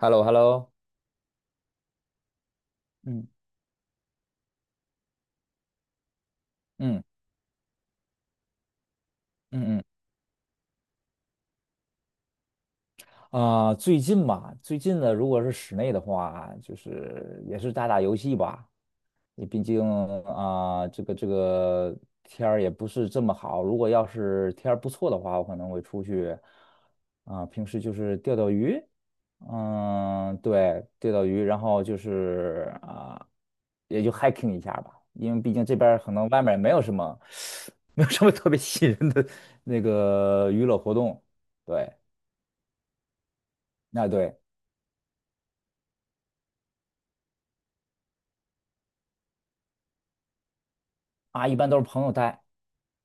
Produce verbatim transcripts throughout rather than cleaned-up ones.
h e l l o h e l l o 嗯嗯嗯嗯啊、最近嘛，最近呢，如果是室内的话，就是也是打打游戏吧。你毕竟啊、这个这个天儿也不是这么好。如果要是天儿不错的话，我可能会出去啊、平时就是钓钓鱼。嗯，对，钓钓鱼，然后就是啊、也就 hiking 一下吧。因为毕竟这边儿可能外面儿没有什么，没有什么特别吸引人的那个娱乐活动。对，那对啊，一般都是朋友带。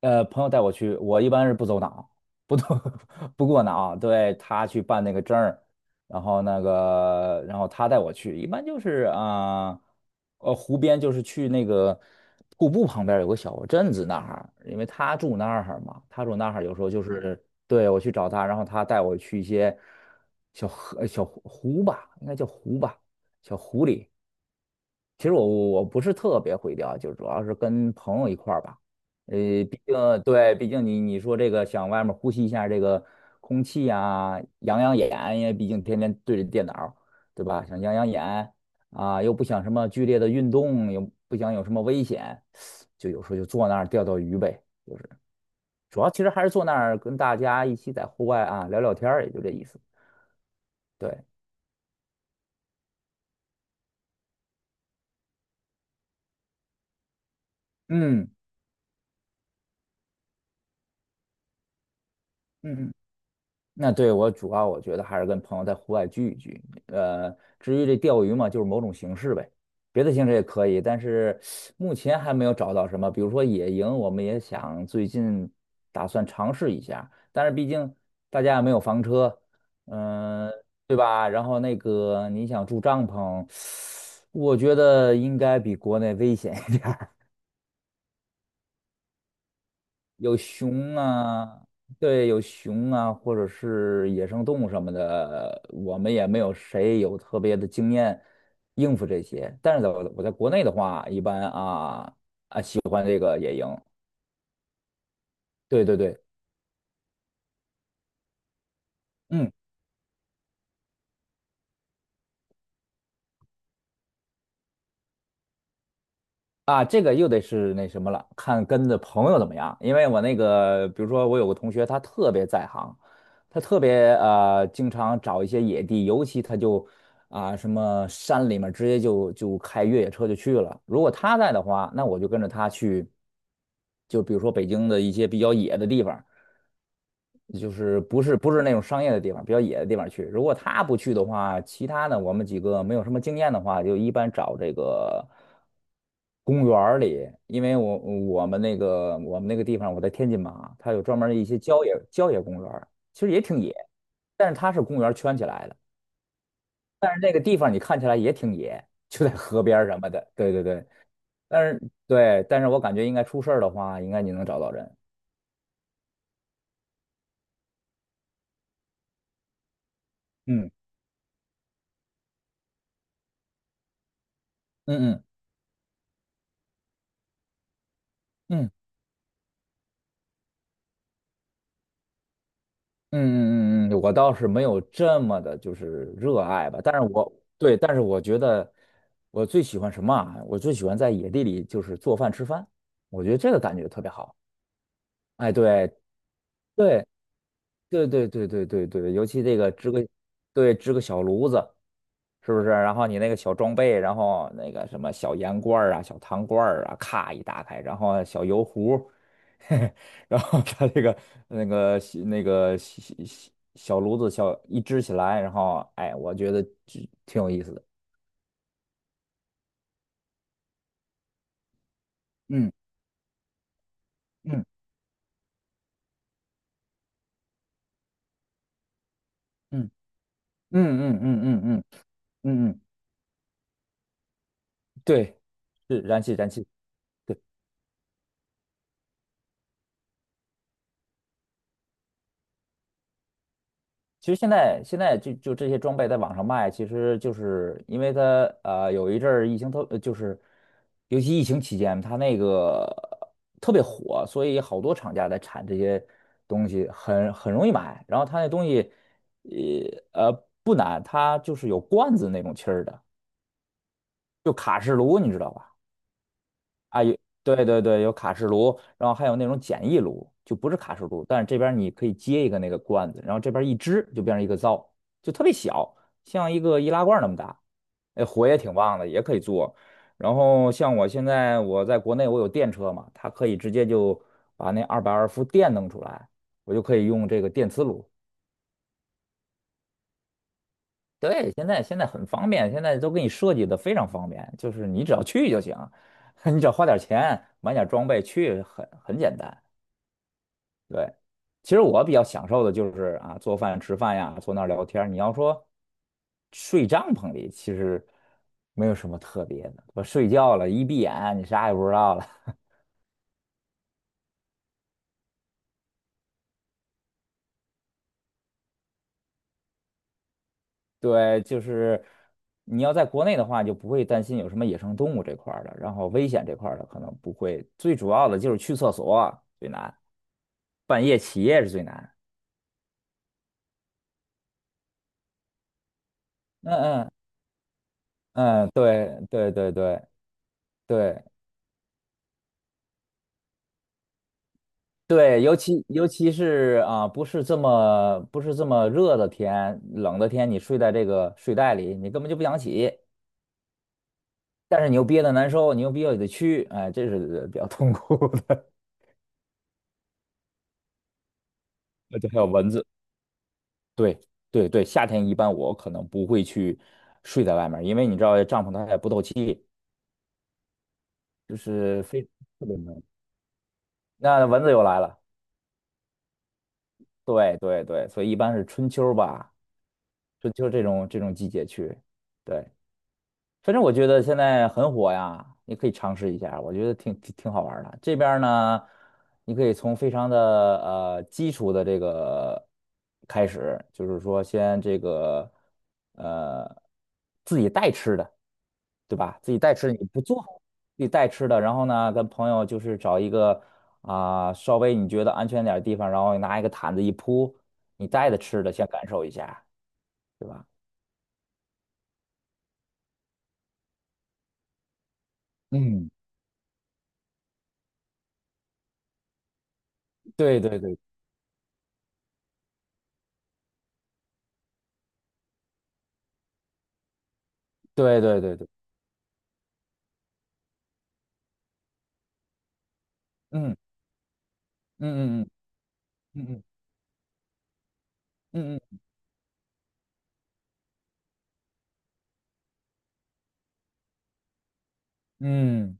呃，朋友带我去，我一般是不走脑，不走 不过脑，对，他去办那个证儿，然后那个，然后他带我去，一般就是啊，呃，湖边就是去那个瀑布旁边有个小镇子那儿，因为他住那儿嘛，他住那儿有时候就是对我去找他，然后他带我去一些小河、呃小湖湖吧，应该叫湖吧，小湖里。其实我我不是特别会钓，就主要是跟朋友一块儿吧。呃，毕竟对，毕竟你你说这个想外面呼吸一下这个空气呀、养养眼，因为毕竟天天对着电脑，对吧？想养养眼啊，又不想什么剧烈的运动，又不想有什么危险，就有时候就坐那儿钓钓鱼呗。就是主要其实还是坐那儿跟大家一起在户外啊聊聊天儿也就这意思。对，嗯嗯嗯那对我主要我觉得还是跟朋友在户外聚一聚。呃，至于这钓鱼嘛，就是某种形式呗，别的形式也可以，但是目前还没有找到什么。比如说野营，我们也想最近打算尝试一下，但是毕竟大家也没有房车，嗯、对吧？然后那个你想住帐篷，我觉得应该比国内危险一点。有熊啊，对，有熊啊，或者是野生动物什么的，我们也没有谁有特别的经验应付这些。但是在我我在国内的话，一般啊，对对对，嗯。啊，这个又得是那什么了，看跟的朋友怎么样。因为我那个，比如说我有个同学，他特别在行，他特别呃，经常找一些野地，尤其他就啊、什么山里面直接就就开越野车就去了。如果他在的话，那我就跟着他去，就比如说北京的一些比较野的地方，就是不是不是那种商业的地方，比较野的地方去。如果他不去的话，其他呢，我们几个没有什么经验的话，就一般找这个公园儿里，因为我我们那个我们那个地方，我在天津嘛，它有专门儿一些郊野郊野公园儿其实也挺野，但是它是公园儿圈起来的，但是那个地方你看起来也挺野，就在河边儿什么的，对对对，但是对，但是我感觉应该出事儿的话，应该你能找到人，嗯嗯嗯嗯。嗯嗯嗯嗯，我倒是没有这么的，就是热爱吧。但是我对，但是我觉得我最喜欢什么啊？我最喜欢在野地里就是做饭吃饭，我觉得这个感觉特别好。哎，对对对对对对对对，尤其这个支个，对，支个小炉子，是不是？然后你那个小装备，然后那个什么小盐罐儿啊、小糖罐儿啊，咔一打开，然后小油壶，然后它这个那个小那个小小小炉子小一支起来，然后哎，我觉得就挺有意思的。嗯嗯嗯嗯嗯嗯嗯嗯嗯嗯，对，是燃气燃气。对。其实现在现在就就这些装备在网上卖，其实就是因为它呃有一阵儿疫情特呃就是尤其疫情期间，它那个特别火，所以好多厂家在产这些东西很很容易买。然后它那东西呃呃不难，它就是有罐子那种气儿的，就卡式炉，你知道吧？对对对，有卡式炉，然后还有那种简易炉，就不是卡式炉，但是这边儿你可以接一个那个罐子，然后这边儿一支就变成一个灶，就特别小，像一个易拉罐儿那么大，哎，火也挺旺的，也可以做。然后像我现在我在国内我有电车嘛，它可以直接就把那二百二伏电弄出来，我就可以用这个电磁炉。对，现在现在很方便，现在都给你设计的非常方便，就是你只要去就行，你只要花点钱买点装备去，很很简单。对，其实我比较享受的就是啊，做饭、吃饭呀，坐那儿聊天儿你要说睡帐篷里，其实没有什么特别的。我睡觉了，一闭眼，你啥也不知道了。对，就是你要在国内的话，就不会担心有什么野生动物这块儿的，然后危险这块儿的可能不会。最主要的就是去厕所最难，半夜起夜是最难。嗯嗯嗯，对对对对对，对，尤其尤其是啊、不是这么不是这么热的天，冷的天，你睡在这个睡袋里，你根本就不想起，但是你又憋得难受，你又憋得得屈，哎，这是比较痛苦的。而且还有蚊子，对对对，夏天一般我可能不会去睡在外面因为你知道帐篷它也不透气，就是非特别闷。那蚊子又来了，对对对，所以一般是春秋吧，春秋这种这种季节去，对。反正我觉得现在很火呀，你可以尝试一下，我觉得挺挺挺好玩儿的。这边儿呢，你可以从非常的呃基础的这个开始，就是说先这个呃自己带吃的，对吧？自己带吃的你不做，自己带吃的，然后呢跟朋友就是找一个啊、稍微你觉得安全点儿的地方，然后拿一个毯子一铺，你带着吃的先感受一下，对吧？嗯，对对对对对对对，嗯嗯嗯嗯。嗯嗯嗯嗯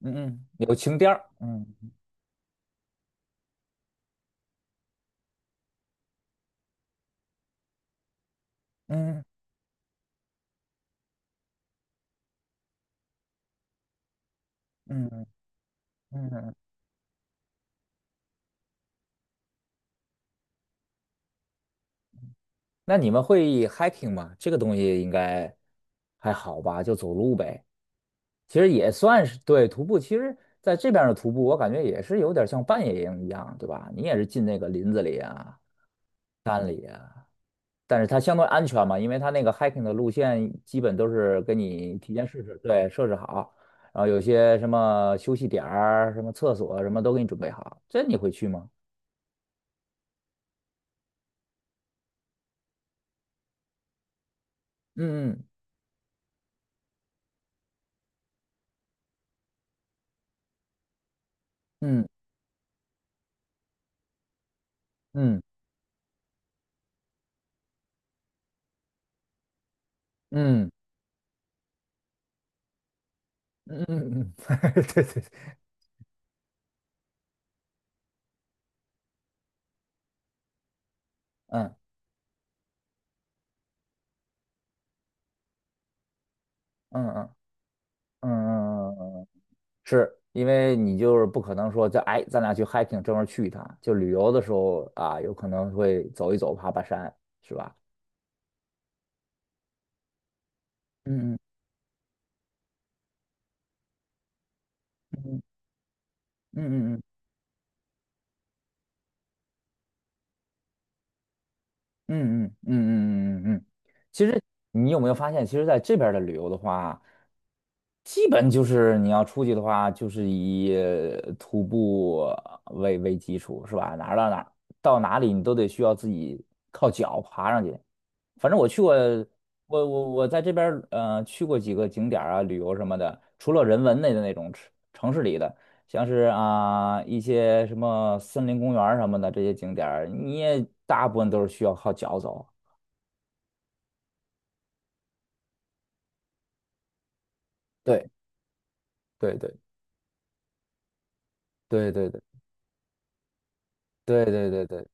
嗯嗯，有情调儿，嗯嗯嗯嗯。那你们会 hiking 吗？这个东西应该还好吧，就走路呗。其实也算是对徒步。其实在这边儿的徒步，我感觉也是有点像半野营一样，对吧？你也是进那个林子里啊，但是它相对安全嘛，因为它那个 hiking 的路线基本都是给你提前设置，对，设置好，然后有些什么休息点儿、什么厕所什么都给你准备好。这你会去吗？嗯嗯嗯嗯嗯嗯嗯，嗯，对对对，嗯嗯嗯嗯嗯，嗯嗯，是因为你就是不可能说，就哎，咱俩去 hiking 专门去一趟，就旅游的时候啊，有可能会走一走，爬爬山，是吧？嗯嗯嗯嗯嗯嗯嗯嗯嗯嗯嗯嗯。其实你有没有发现，其实在这边儿的旅游的话，基本就是你要出去的话，就是以呃徒步为为基础，是吧？哪儿到哪儿，到哪里你都得需要自己靠脚爬上去。反正我去过，我我我在这边儿呃去过几个景点儿啊，旅游什么的，除了人文类的那种城城市里的，像是啊、一些什么森林公园儿什么的这些景点儿你也大部分都是需要靠脚走。对对对，对对对对对对对对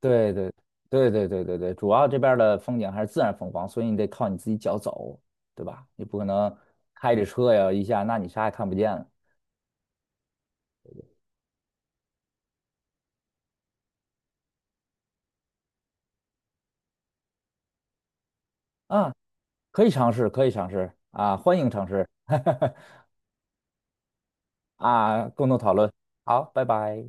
对对对对对对对，主要这边儿的风景还是自然风光，所以你得靠你自己脚走，对吧？你不可能开着车呀一下，那你啥也看不见了啊！可以尝试，可以尝试啊，欢迎尝试，啊，共同讨论，好，拜拜。